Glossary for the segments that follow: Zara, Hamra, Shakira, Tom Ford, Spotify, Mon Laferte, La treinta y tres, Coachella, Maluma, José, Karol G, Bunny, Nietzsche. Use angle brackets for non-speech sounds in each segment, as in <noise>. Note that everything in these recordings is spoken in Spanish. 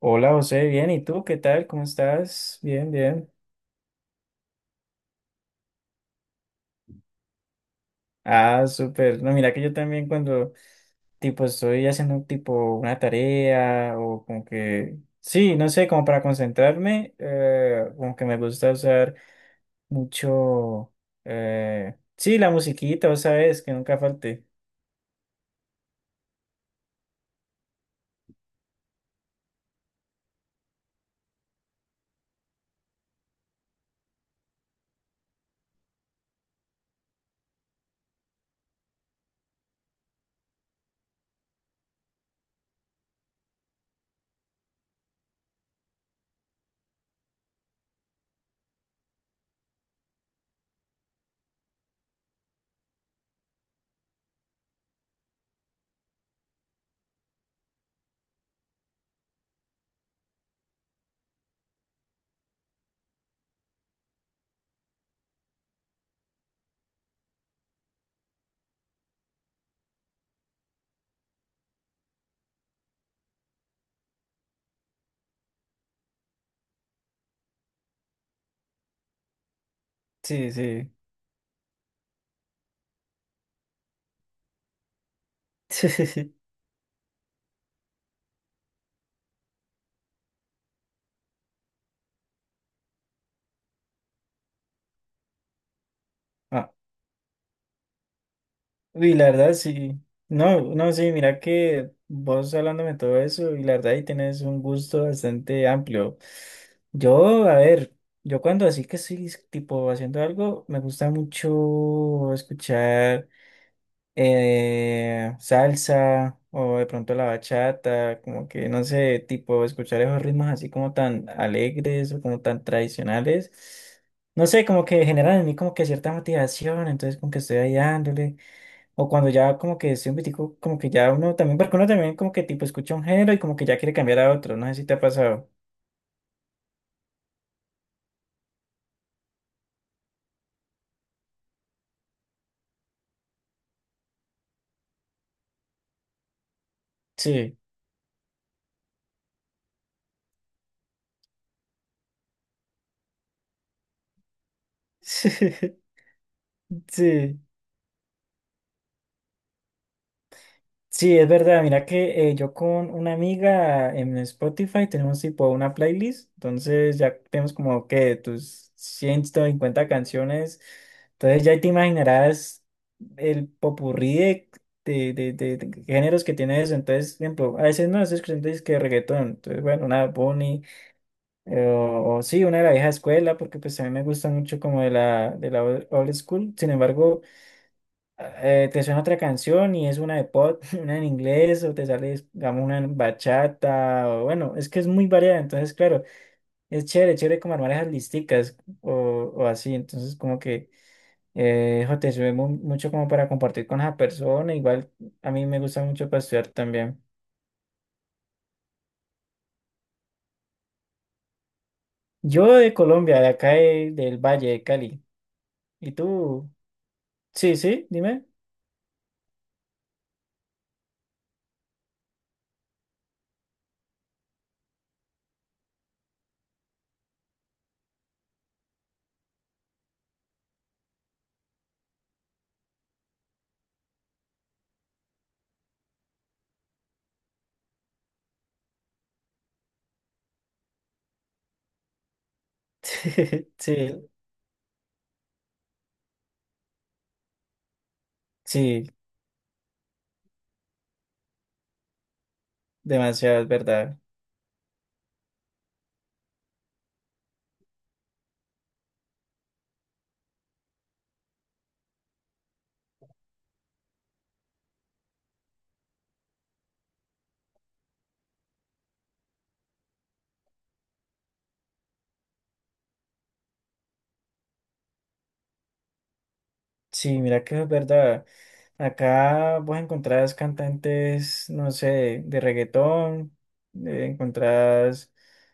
Hola José, bien, ¿y tú qué tal? ¿Cómo estás? Bien, bien. Ah, súper. No, mira que yo también cuando tipo estoy haciendo tipo una tarea o como que, sí, no sé, como para concentrarme, como que me gusta usar mucho, sí, la musiquita, ¿vos sabes? Que nunca falte. Sí, sí. <laughs> <laughs> Y la verdad, sí. No, no, sí, mira que vos hablándome todo eso y la verdad ahí tienes un gusto bastante amplio. Yo, a ver, yo cuando así que estoy tipo haciendo algo, me gusta mucho escuchar salsa o de pronto la bachata, como que no sé, tipo escuchar esos ritmos así como tan alegres o como tan tradicionales. No sé, como que generan en mí como que cierta motivación, entonces como que estoy ahí dándole. O cuando ya como que estoy un poquitico, como que ya uno también, porque uno también como que tipo escucha un género y como que ya quiere cambiar a otro, no sé si te ha pasado. Sí, <laughs> sí, sí, es verdad, mira que yo con una amiga en Spotify tenemos tipo una playlist, entonces ya tenemos como que tus 150 canciones, entonces ya te imaginarás el popurrí de géneros que tiene eso, entonces, por ejemplo, a veces no estoy escuchando que reggaetón, entonces bueno, una Bunny. O sí, una de la vieja escuela, porque pues a mí me gusta mucho como de la old old school. Sin embargo, te suena otra canción y es una de pop, <laughs> una en inglés, o te sale, digamos, una en bachata, o bueno, es que es muy variada. Entonces, claro, es chévere, chévere como armar esas listicas o, o así. Entonces, como que jo, te sirve mucho como para compartir con esa persona. Igual a mí me gusta mucho para estudiar también. Yo de Colombia, de acá del Valle de Cali. ¿Y tú? Sí, sí, dime. <laughs> Sí, sí, demasiado, es verdad. Sí, mira que es verdad. Acá vos encontrás cantantes, no sé, de reggaetón, encontrás,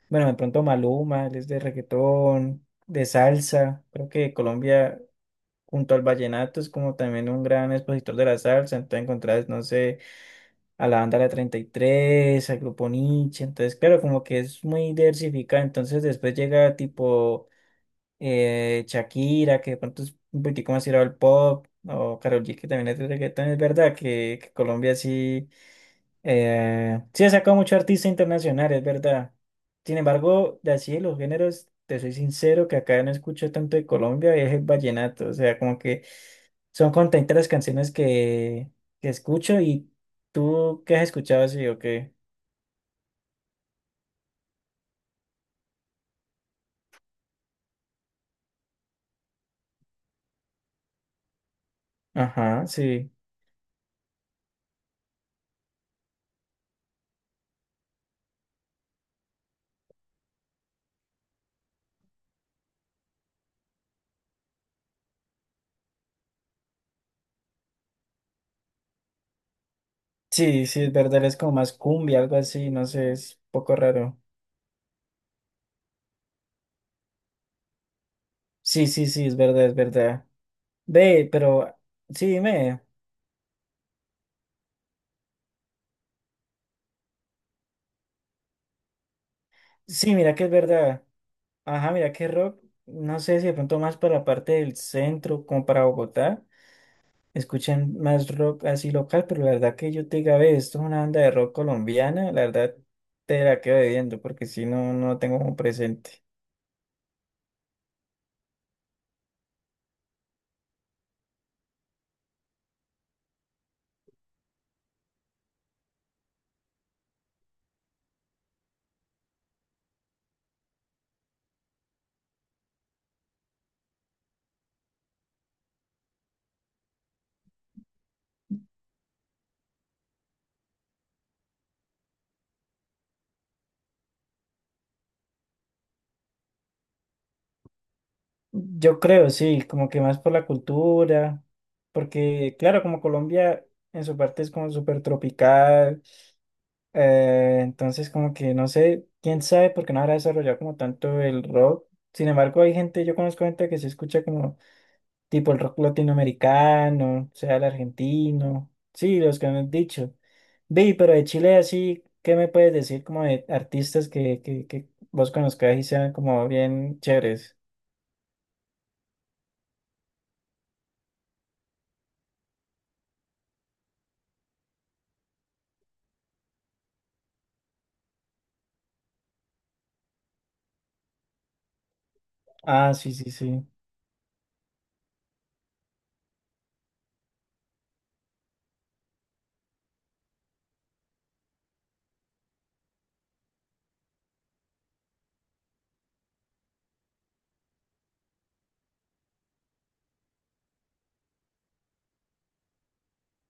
bueno, de pronto Maluma, él es de reggaetón, de salsa. Creo que Colombia, junto al vallenato, es como también un gran expositor de la salsa. Entonces encontrás, no sé, a la banda La 33 al grupo Nietzsche. Entonces, claro, como que es muy diversificado. Entonces después llega tipo... Shakira, que de pronto es un poquitico más tirado al pop, o Karol G, que también es de reggaetón, es verdad que Colombia sí, sí ha sacado mucho artista internacional, es verdad. Sin embargo, de así de los géneros, te soy sincero que acá no escucho tanto de Colombia, es el vallenato, o sea, como que son contentas las canciones que escucho y tú, ¿qué has escuchado así o qué? Ajá, sí. Sí, sí, es verdad, es como más cumbia, algo así, no sé, es un poco raro. Sí, sí, sí, es verdad, es verdad. Ve, pero sí, dime. Sí, mira que es verdad. Ajá, mira que rock, no sé si de pronto más para la parte del centro, como para Bogotá, escuchan más rock así local, pero la verdad que yo te diga, ve, esto es una banda de rock colombiana, la verdad te la quedo debiendo, porque si no, no tengo como presente. Yo creo, sí, como que más por la cultura, porque claro, como Colombia en su parte es como súper tropical. Entonces, como que no sé, quién sabe por qué no habrá desarrollado como tanto el rock. Sin embargo, hay gente, yo conozco gente que se escucha como tipo el rock latinoamericano, o sea el argentino, sí, los que me han dicho. Vi, pero de Chile así, ¿qué me puedes decir como de artistas que vos conozcas y sean como bien chéveres? Ah, sí, sí, sí.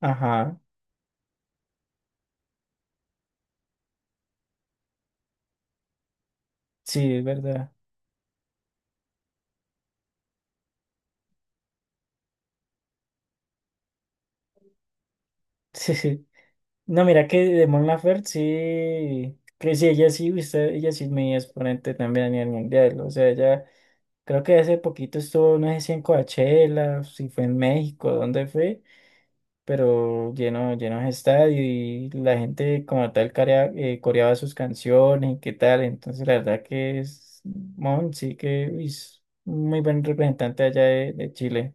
Ajá, sí, es verdad. <laughs> No, mira que de Mon Laferte sí, que sí, ella sí, usted, ella sí es mi exponente también a nivel mundial. O sea, ella creo que hace poquito estuvo, no sé si en Coachella, si fue en México, dónde fue, pero lleno, lleno de estadio y la gente como tal coreaba sus canciones y qué tal. Entonces, la verdad que es Mon, sí que uy, es un muy buen representante allá de Chile.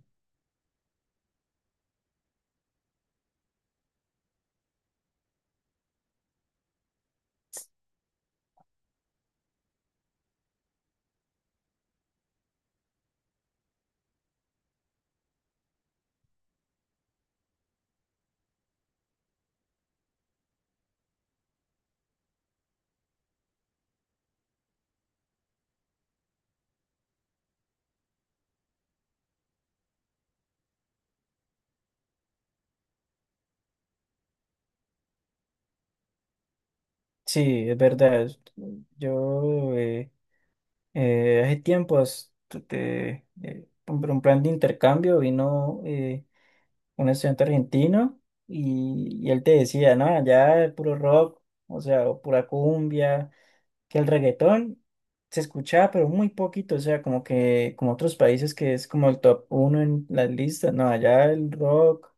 Sí, es verdad. Yo. Hace tiempo un plan de intercambio vino un estudiante argentino y él te decía, no, allá el puro rock, o sea, o pura cumbia, que el reggaetón se escuchaba, pero muy poquito, o sea, como que como otros países que es como el top uno en las listas, no, allá el rock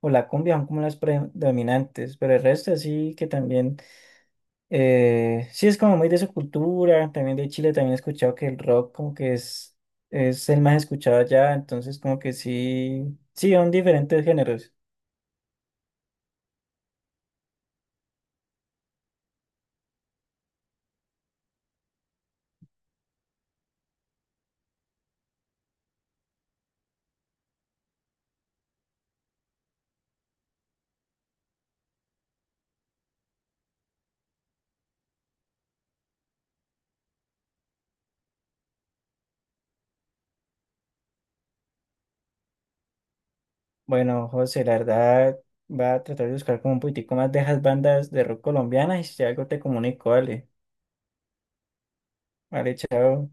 o la cumbia son como las predominantes, pero el resto sí que también sí, es como muy de su cultura, también de Chile, también he escuchado que el rock como que es el más escuchado allá, entonces como que sí, sí, son diferentes géneros. Bueno, José, la verdad, va a tratar de buscar como un poquitico más de esas bandas de rock colombianas y si algo te comunico, vale, vale, chao.